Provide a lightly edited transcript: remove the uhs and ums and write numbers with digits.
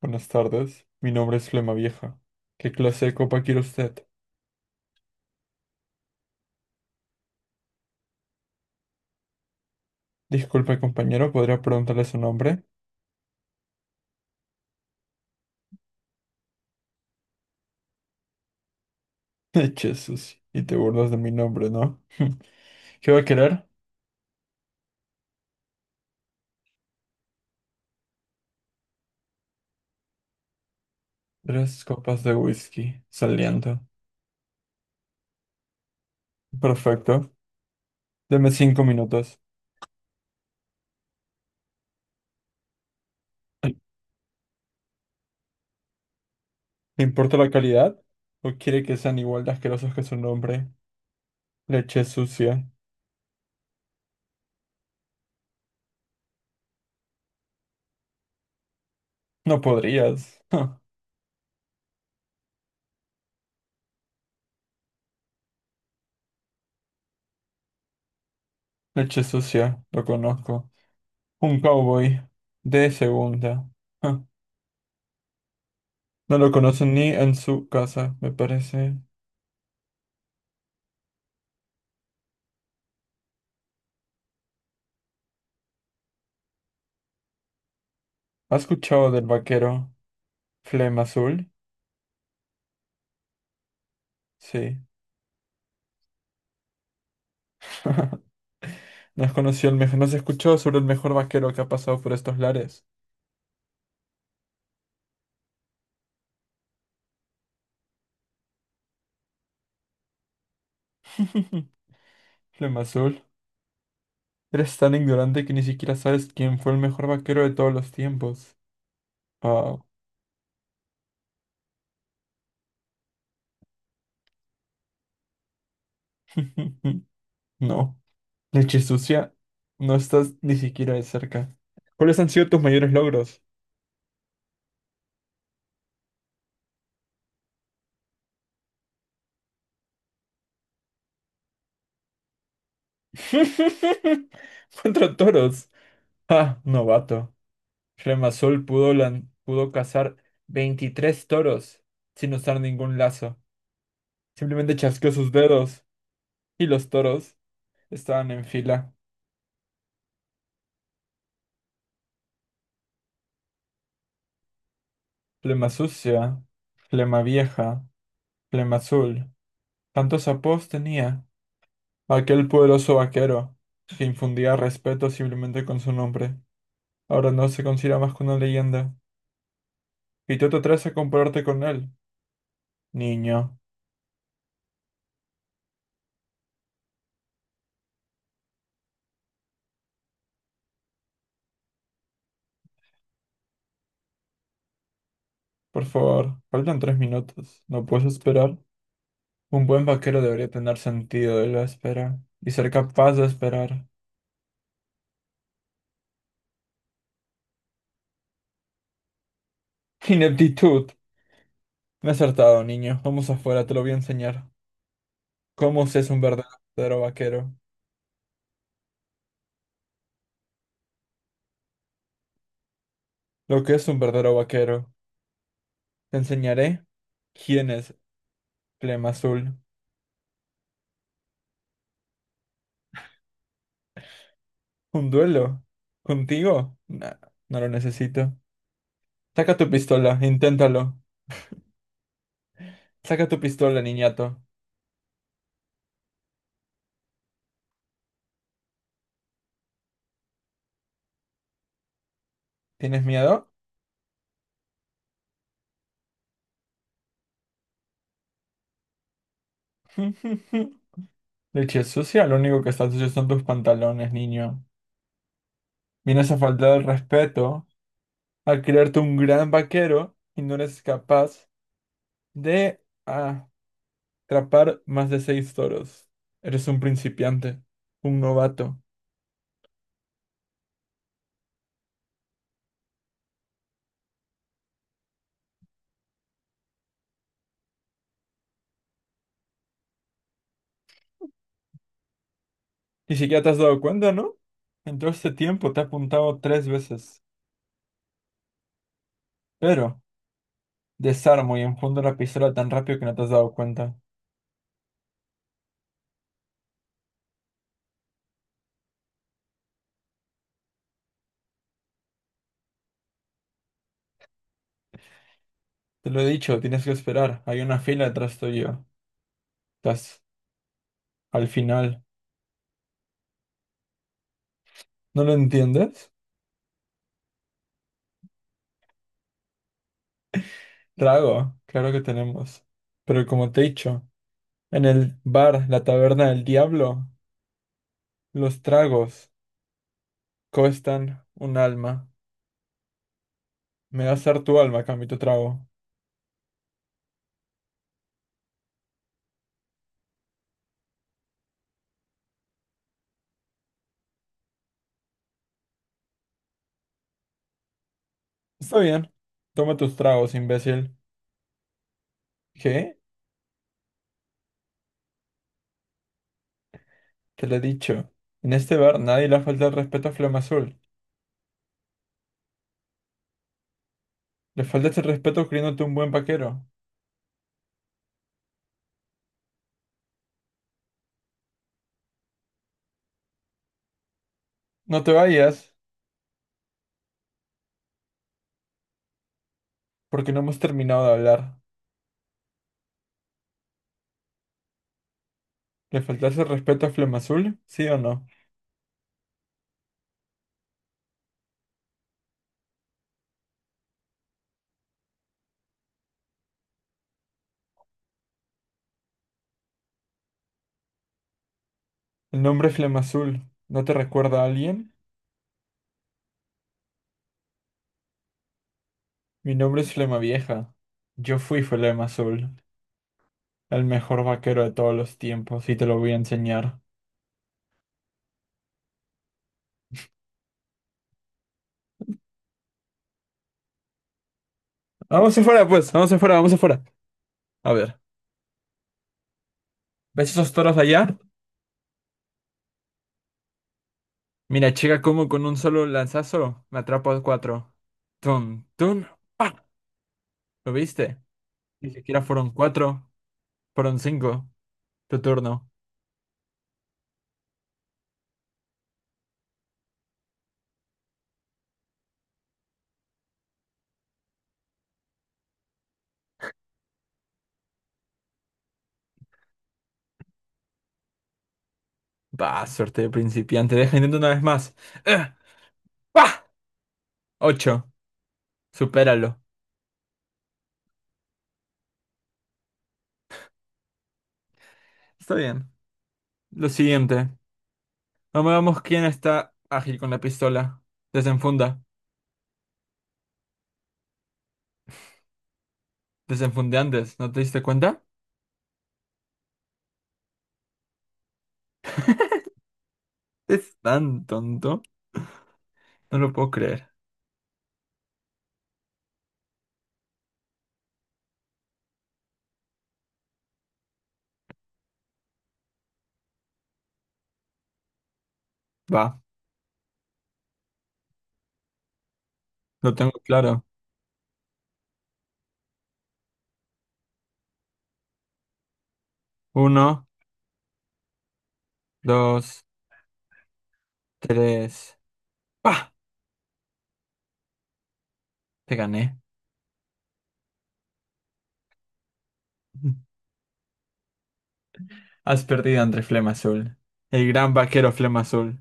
Buenas tardes, mi nombre es Flema Vieja. ¿Qué clase de copa quiere usted? Disculpe, compañero, ¿podría preguntarle su nombre? Eche sucio, y te burlas de mi nombre, ¿no? ¿Qué va a querer? Tres copas de whisky, saliendo. Perfecto, deme 5 minutos. ¿Le importa la calidad? ¿O quiere que sean igual de asquerosos que su nombre? Leche sucia. No podrías. Ja, leche sucia, lo conozco. Un cowboy de segunda. Ja. No lo conocen ni en su casa, me parece. ¿Has escuchado del vaquero Flema Azul? Sí. No has conocido el mejor, no has escuchado sobre el mejor vaquero que ha pasado por estos lares. Flema Azul. Eres tan ignorante que ni siquiera sabes quién fue el mejor vaquero de todos los tiempos. Ah. No. Leche sucia. No estás ni siquiera de cerca. ¿Cuáles han sido tus mayores logros? Contra toros. Ah, novato. Remazol pudo, pudo cazar 23 toros sin usar ningún lazo. Simplemente chasqueó sus dedos y los toros estaban en fila. Flema sucia, flema vieja, flema azul. Tantos apodos tenía aquel poderoso vaquero que infundía respeto simplemente con su nombre. Ahora no se considera más que una leyenda. Y tú te atreves a compararte con él. Niño, por favor, faltan 3 minutos. ¿No puedes esperar? Un buen vaquero debería tener sentido de la espera y ser capaz de esperar. Ineptitud. Me he acertado, niño. Vamos afuera, te lo voy a enseñar. ¿Cómo se es un verdadero vaquero? Lo que es un verdadero vaquero. Te enseñaré quién es Flema Azul. ¿Un duelo? ¿Contigo? Nah, no lo necesito. Saca tu pistola, inténtalo. Saca tu pistola, niñato. ¿Tienes miedo? Leche sucia, lo único que está sucio son tus pantalones, niño. Vienes a faltar el respeto. Al crearte un gran vaquero y no eres capaz de atrapar más de seis toros. Eres un principiante, un novato. Ni siquiera te has dado cuenta, ¿no? En todo este tiempo te he apuntado tres veces, pero desarmo y enfundo la pistola tan rápido que no te has dado cuenta. Te lo he dicho, tienes que esperar. Hay una fila detrás tuyo. Estás al final. ¿No lo entiendes? Rago, claro que tenemos. Pero como te he dicho, en el bar, la taberna del diablo, los tragos cuestan un alma. Me das dar tu alma, a cambio de tu trago. Está bien. Toma tus tragos, imbécil. ¿Qué? Te lo he dicho. En este bar nadie le falta el respeto a Flama Azul. Le faltas el respeto creyéndote un buen vaquero. No te vayas, porque no hemos terminado de hablar. ¿Le faltas el respeto a Flama Azul? ¿Sí o no? El nombre Flema Azul, ¿no te recuerda a alguien? Mi nombre es Flema Vieja. Yo fui Flema Azul, el mejor vaquero de todos los tiempos, y te lo voy a enseñar. Vamos afuera, pues, vamos afuera, vamos afuera. A ver, ¿ves esos toros allá? Mira, chica, como con un solo lanzazo me atrapo a cuatro. Tun, tun, pa. ¿Lo viste? Ni siquiera fueron cuatro, fueron cinco. Tu turno. Bah, suerte de principiante. Deja intento una vez más. Eh, Pa. Ocho. Supéralo. Está bien. Lo siguiente. Vamos, vamos, quién está ágil con la pistola. Desenfunda. Desenfunde antes. ¿No te diste cuenta? Es tan tonto. No lo puedo creer. Va. Lo tengo claro. Uno, dos, tres. ¡Pah! Te gané. Has perdido entre Flema Azul. El gran vaquero Flema Azul.